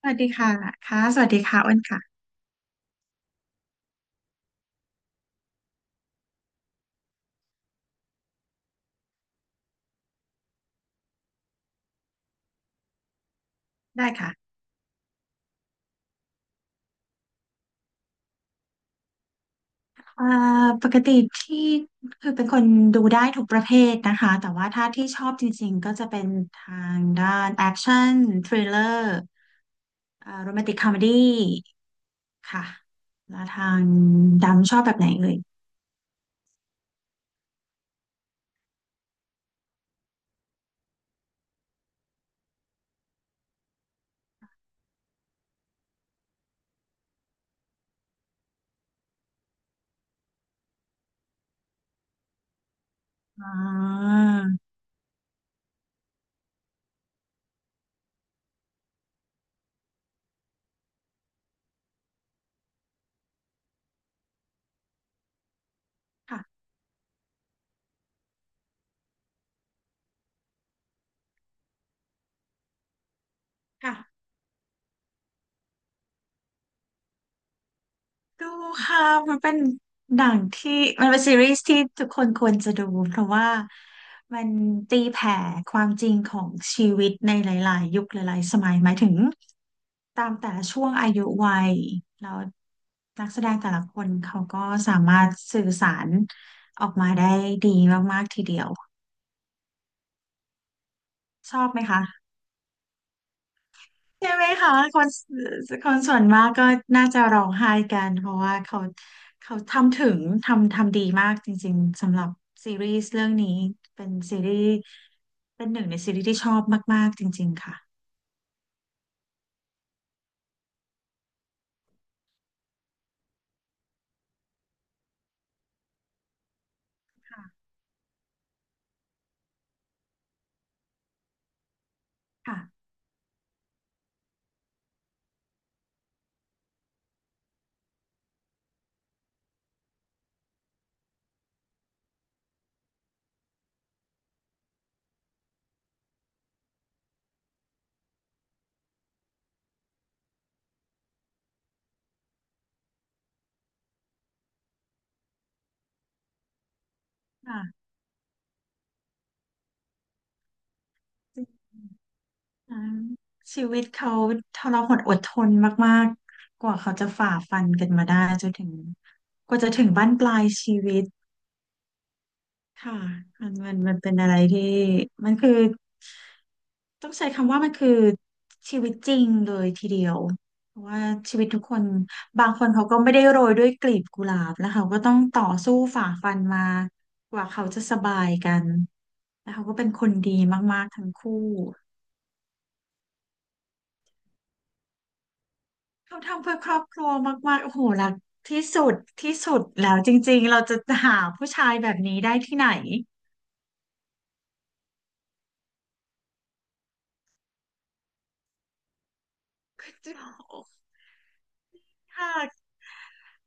สวัสดีค่ะค่ะสวัสดีค่ะอ้นค่ะ ได้ค่ะเอ่อปกติที่คือเป็นคนดูได้ทุกประเภทนะคะ แต่ว่าถ้าที่ชอบจริงๆก็จะเป็นทางด้านแอคชั่นทริลเลอร์โรแมนติกคอมเมดี้ค่ะ แล้วทางดำชอบแบบไหนเอ่ยอ่าค่ะค่ะ ดูค่ะ มันเป็นหนังที่มันเป็นซีรีส์ที่ทุกคนควรจะดูเพราะว่ามันตีแผ่ความจริงของชีวิตในหลายๆ ยุคหลายๆ สมัยหมายถึงตามแต่ละช่วงอายุวัยแล้วนักแสดงแต่ละคนเขาก็สามารถสื่อสารออกมาได้ดีมากๆ ทีเดียวชอบไหมคะ ใช่ไหมคะคนส่วนมากก็น่าจะร้องไห้กันเพราะว่าเขาทำถึงทำดีมากจริงๆสำหรับซีรีส์เรื่องนี้เป็นซีรีส์เป็นหนึ่งในซีรีส์ที่ชอบมากๆจริงๆค่ะค่ะค่ะค่ะจริงๆนะชีวิตเขาทรหดอดทนมากๆกว่าเขาจะฝ่าฟันกันมาได้จนถึงกว่าจะถึงบั้นปลายชีวิต ค่ะมันเป็นอะไรที่มันคือต้องใช้คำว่ามันคือชีวิตจริงเลยทีเดียวเพราะว่าชีวิตทุกคนบางคนเขาก็ไม่ได้โรยด้วยกลีบกุหลาบแล้วเขาก็ต้องต่อสู้ฝ่าฟันมากว่าเขาจะสบายกันแล้วเขาก็เป็นคนดีมากๆทั้งคู่เขาทำเพื่อครอบครัวมากๆโอ้โหรักที่สุดที่สุดแล้วจริงๆเราจะหาผู้ชายแบบนี้ได้ที่ไหนคอจะโอ้ ค่ะ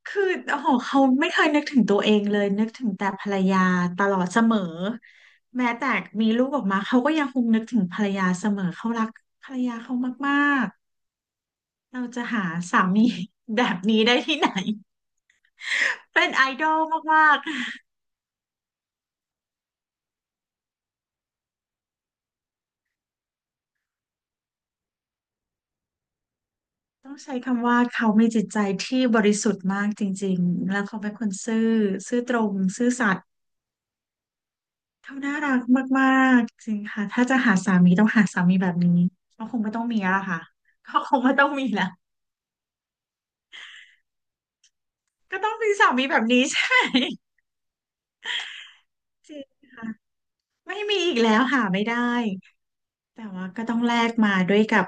คือโอ้โหเขาไม่เคยนึกถึงตัวเองเลยนึกถึงแต่ภรรยาตลอดเสมอแม้แต่มีลูกออกมาเขาก็ยังคงนึกถึงภรรยาเสมอเขารักภรรยาเขามากๆเราจะหาสามี แบบนี้ได้ที่ไหนเป็นไอดอลมากๆต้องใช้คำว่าเขามีจิตใจที่บริสุทธิ์มากจริงๆแล้วเขาเป็นคนซื่อซื่อตรงซื่อสัตย์เขาน่ารักมากๆจริงค่ะถ้าจะหาสามีต้องหาสามีแบบนี้ก็คงไม่ต้องมีแล้วล่ะค่ะก็คงไม่ต้องมีแล้ว ก็ต้องมีสามีแบบนี้ใช่ จริงค่ะไม่มีอีกแล้วหาไม่ได้แต่ว่าก็ต้องแลกมาด้วยกับ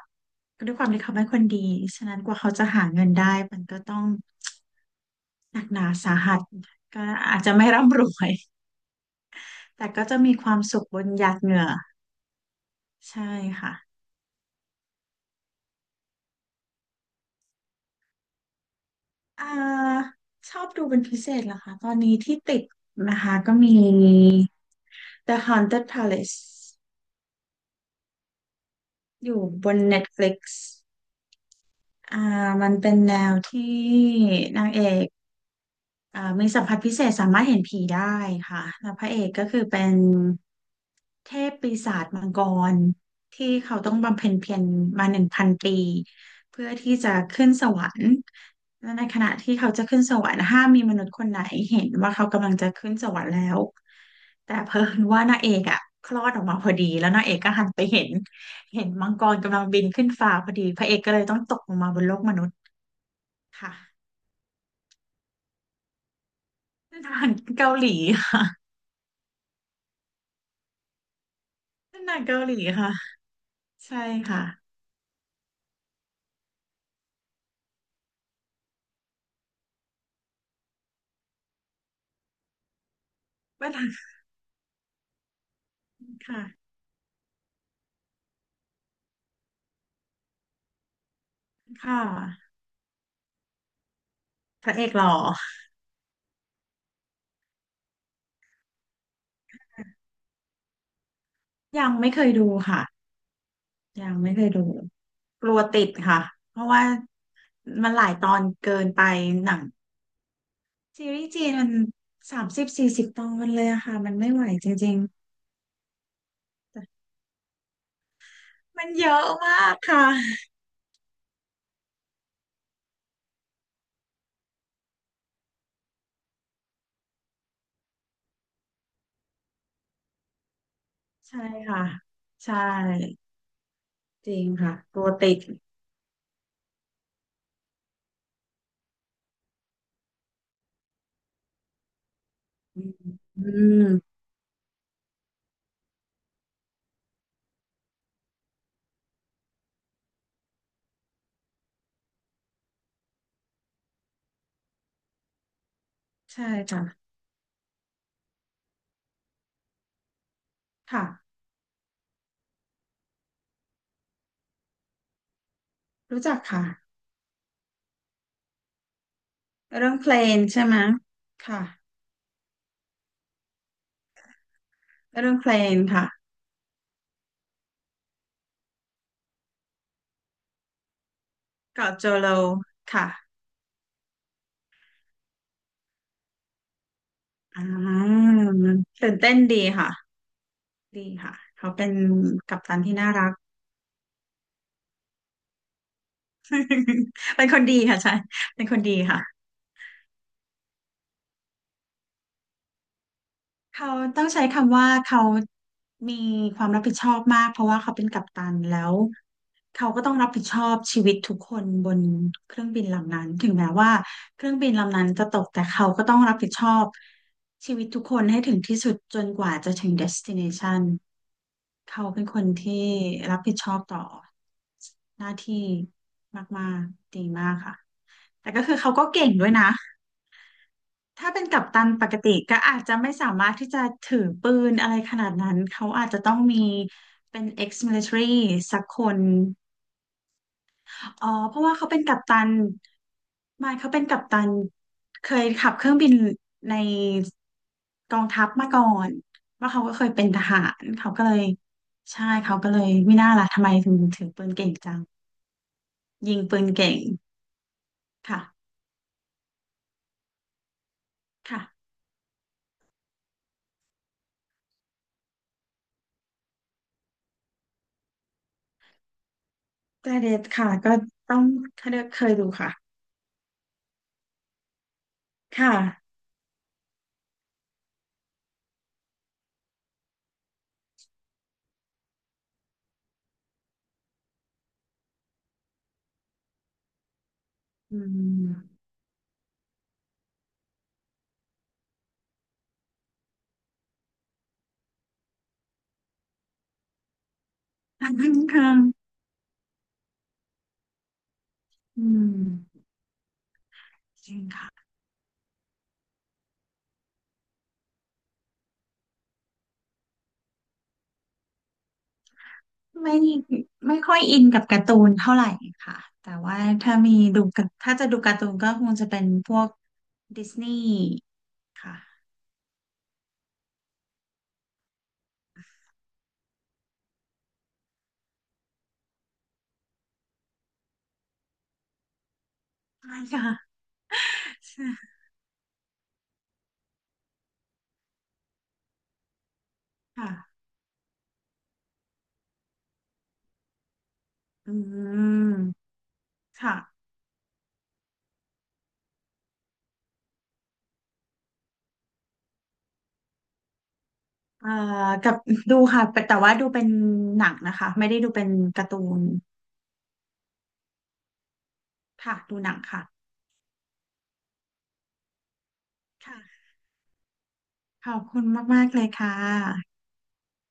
ด้วยความที่เขาเป็นคนดีฉะนั้นกว่าเขาจะหาเงินได้มันก็ต้องหนักหนาสาหัสก็อาจจะไม่ร่ำรวยแต่ก็จะมีความสุขบนหยาดเหงื่อใช่ค่ะอ่าชอบดูเป็นพิเศษเหรอคะตอนนี้ที่ติดนะคะก็มี The Haunted Palace อยู่บน Netflix อ่ามันเป็นแนวที่นางเอกมีสัมผัสพิเศษสามารถเห็นผีได้ค่ะแล้วพระเอกก็คือเป็นเทพปีศาจมังกรที่เขาต้องบำเพ็ญเพียรมา1,000 ปีเพื่อที่จะขึ้นสวรรค์และในขณะที่เขาจะขึ้นสวรรค์ห้ามมีมนุษย์คนไหนเห็นว่าเขากำลังจะขึ้นสวรรค์แล้วแต่เพอ่นว่านางเอกอ่ะคลอดออกมาพอดีแล้วนางเอกก็หันไปเห็นเห็นมังกรกำลังบินขึ้นฟ้าพอดีพระเอกก็เลยต้องตกลงมาบนโลกมนุษย์ ค่ะเป็นอาหารเกาหลีเป็นอาหนังเกาหลีค่ะใช่ค่ะเป็นอาหารค่ะค่ะพระเอกหล่อยังไม่เคยดูค่ะยังไม่เคยดูกลัวติดค่ะเพราะว่ามันหลายตอนเกินไปหนังซีรีส์จีนมัน30-40 ตอนเลยอะค่ะมันไม่ไหวจริงๆแต่มันเยอะมากค่ะใช่ค่ะใช่จริงค่ะกลัวติดอืมอืมใช่ค่ะค่ะรู้จักค่ะ เรื่องเพลนใช่ไหม ค่ะเรื่องเพลนค่ะ เกาะโจโล ค่ะอ่าตื่นเต้นดีค่ะ ดีค่ะ เขาเป็นกัปตันที่น่ารัก เป็นคนดีค่ะใช่ เป็นคนดีค่ะ เขาต้องใช้คำว่าเขามีความรับผิดชอบมากเพราะว่าเขาเป็นกัปตันแล้วเขาก็ต้องรับผิดชอบชีวิตทุกคนบนเครื่องบินลำนั้นถึงแม้ว่าเครื่องบินลำนั้นจะตกแต่เขาก็ต้องรับผิดชอบชีวิตทุกคนให้ถึงที่สุดจนกว่าจะถึง destination เขาเป็นคนที่รับผิดชอบต่อหน้าที่มากๆดีมากค่ะแต่ก็คือเขาก็เก่งด้วยนะ ถ้าเป็นกัปตันปกติก็อาจจะไม่สามารถที่จะถือปืนอะไรขนาดนั้นเขาอาจจะต้องมีเป็น ex-military สักคนอ๋อเพราะว่าเขาเป็นกัปตันไม่เขาเป็นกัปตันเคยขับเครื่องบินในกองทัพมาก่อนว่าเขาก็เคยเป็นทหารเขาก็เลยใช่เขาก็เลยไม่น่าล่ะทำไมถึงถือปืนเก่งจังยิงปืนเก่งค่ะค่ะแต่เด็ดค่ะก็ต้องเคยดูค่ะค่ะอืม ทานค่อนข้างอืมจริงค่ะไม่ไม่ค่อยอินกับการ์ตูนเท่าไหร่ค่ะแต่ว่าถ้ามีดูกับถ้าจะดูการ์ตูนก็คงจะเป็นพวกดิสนีย์ค่ะใช่ค่ะค่ะอืมค่ะเอ่อกับดูค่ะแต่ว่าดูเป็นหนังนะคะไม่ได้ดูเป็นการ์ตูนค่ะดูหนังค่ะค่ะขอบคุณมากๆเลยค่ะ